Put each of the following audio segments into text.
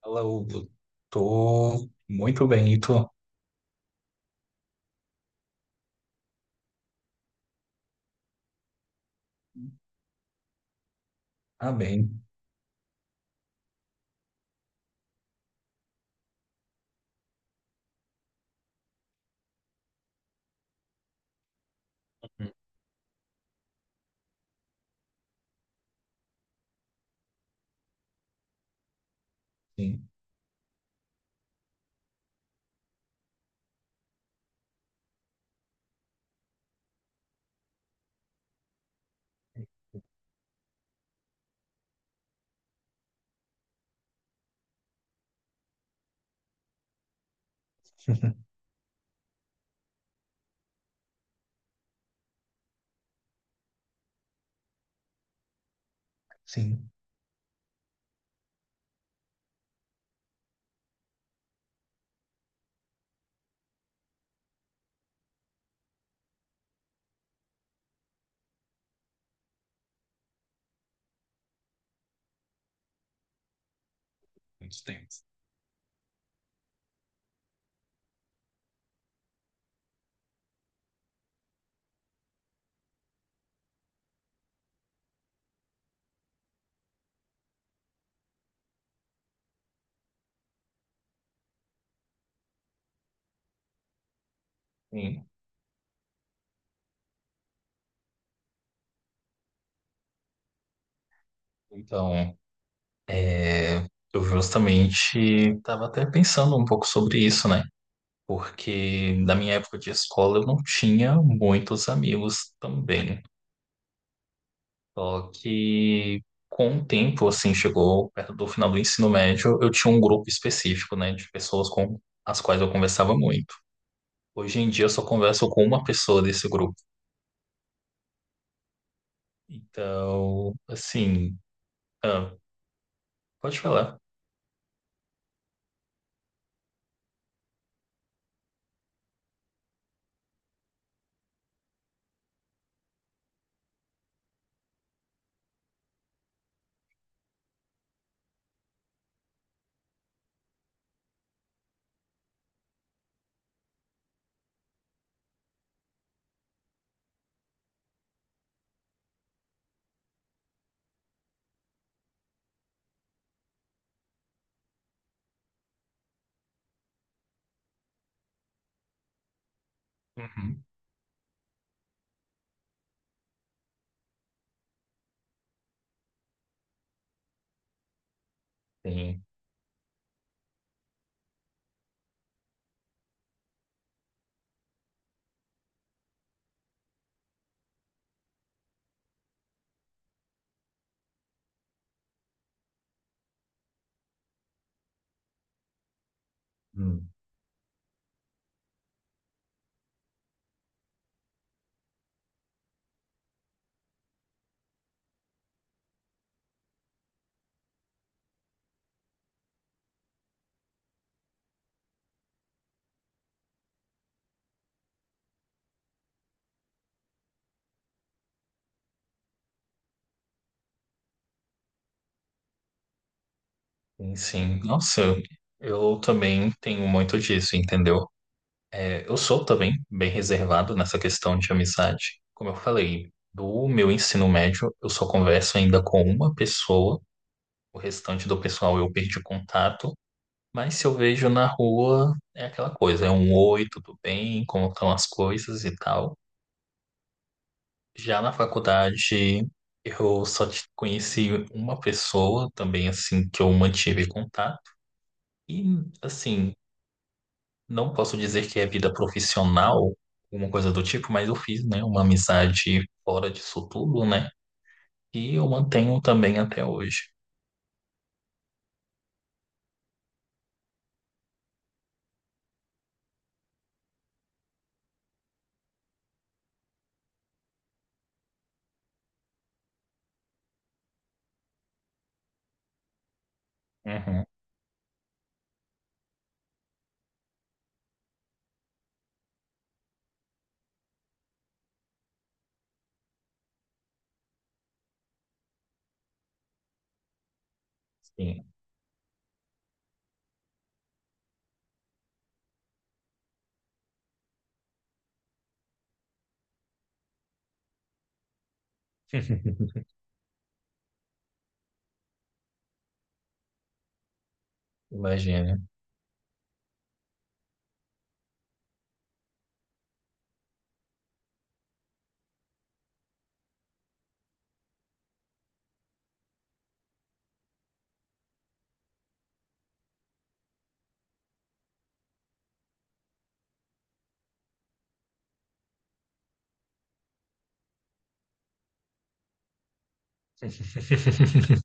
Fala, Hugo. Tô muito bem, e tu? Ah, bem. Sim, sim. Muitos tempos. Sim. Então, é, eu justamente estava até pensando um pouco sobre isso, né? Porque na minha época de escola eu não tinha muitos amigos também. Só que com o tempo, assim, chegou perto do final do ensino médio, eu tinha um grupo específico, né, de pessoas com as quais eu conversava muito. Hoje em dia eu só converso com uma pessoa desse grupo. Então, assim, ah, pode falar. Uhum, tem, hum, tem sim. Nossa, eu também tenho muito disso, entendeu? É, eu sou também bem reservado nessa questão de amizade. Como eu falei, do meu ensino médio, eu só converso ainda com uma pessoa. O restante do pessoal eu perdi contato. Mas se eu vejo na rua, é aquela coisa, é um oi, tudo bem, como estão as coisas e tal. Já na faculdade, conheci uma pessoa também, assim, que eu mantive contato. E, assim, não posso dizer que é vida profissional, alguma coisa do tipo, mas eu fiz, né, uma amizade fora disso tudo, né? E eu mantenho também até hoje. Uhum, sim. Imagina.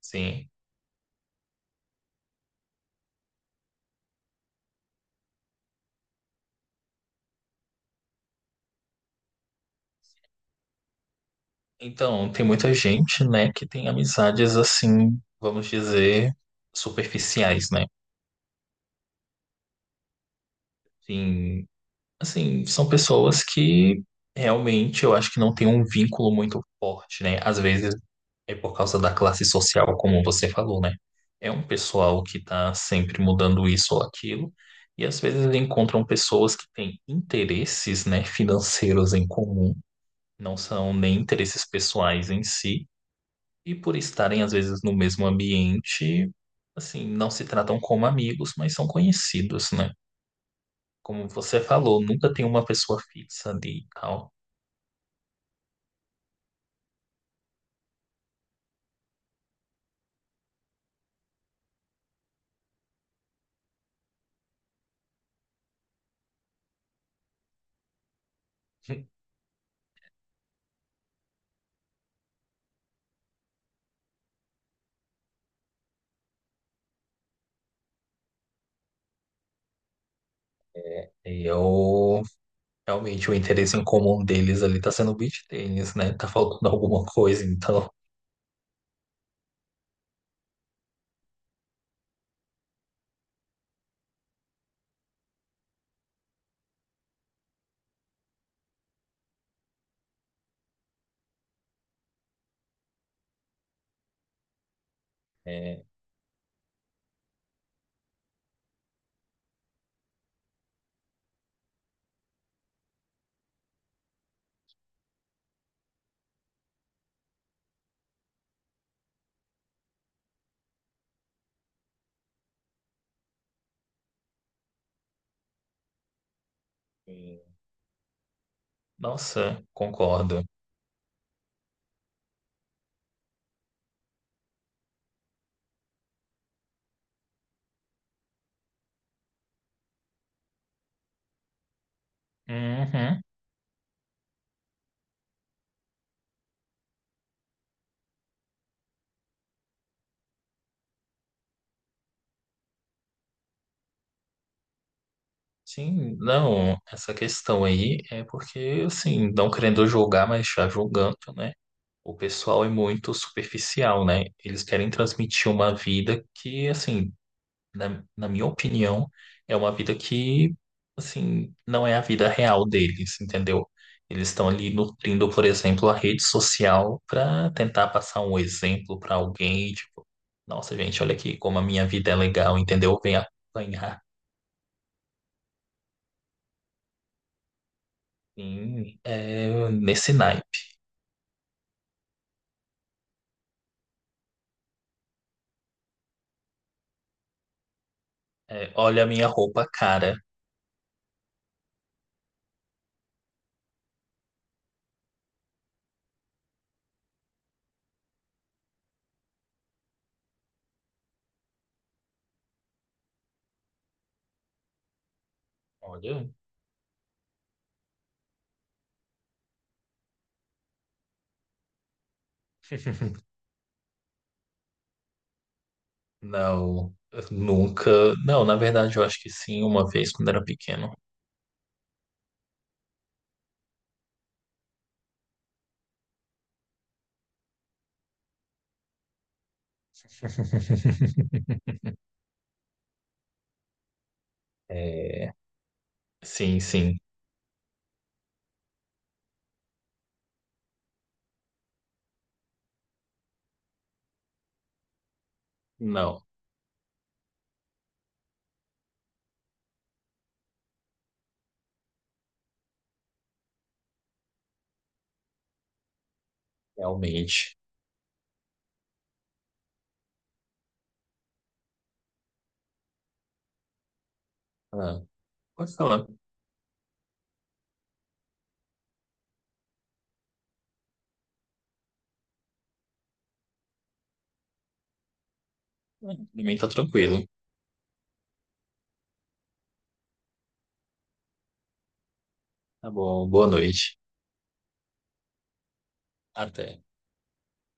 Sim. Então, tem muita gente, né, que tem amizades assim, vamos dizer, superficiais, né? Sim. Assim, são pessoas que realmente eu acho que não tem um vínculo muito forte, né? Às vezes é por causa da classe social, como você falou, né? É um pessoal que tá sempre mudando isso ou aquilo, e às vezes encontram pessoas que têm interesses, né, financeiros em comum, não são nem interesses pessoais em si, e por estarem às vezes no mesmo ambiente, assim, não se tratam como amigos, mas são conhecidos, né? Como você falou, nunca tem uma pessoa fixa ali e tal. E eu, realmente, o interesse em comum deles ali tá sendo o beach tênis, né? Tá faltando alguma coisa, então. É, e- nossa, concordo. Uhum. Sim, não, essa questão aí é porque, assim, não querendo julgar, mas já julgando, né? O pessoal é muito superficial, né? Eles querem transmitir uma vida que, assim, na minha opinião, é uma vida que, assim, não é a vida real deles, entendeu? Eles estão ali nutrindo, por exemplo, a rede social para tentar passar um exemplo para alguém, tipo, nossa, gente, olha aqui como a minha vida é legal, entendeu? Vem apanhar sim, é, nesse naipe. É, olha a minha roupa cara. Olha. Não, nunca. Não, na verdade, eu acho que sim, uma vez quando era pequeno. É, sim, sim. Não, realmente. Ah, pode falar. Ah, pra mim tá tranquilo. Tá bom, boa noite. Até.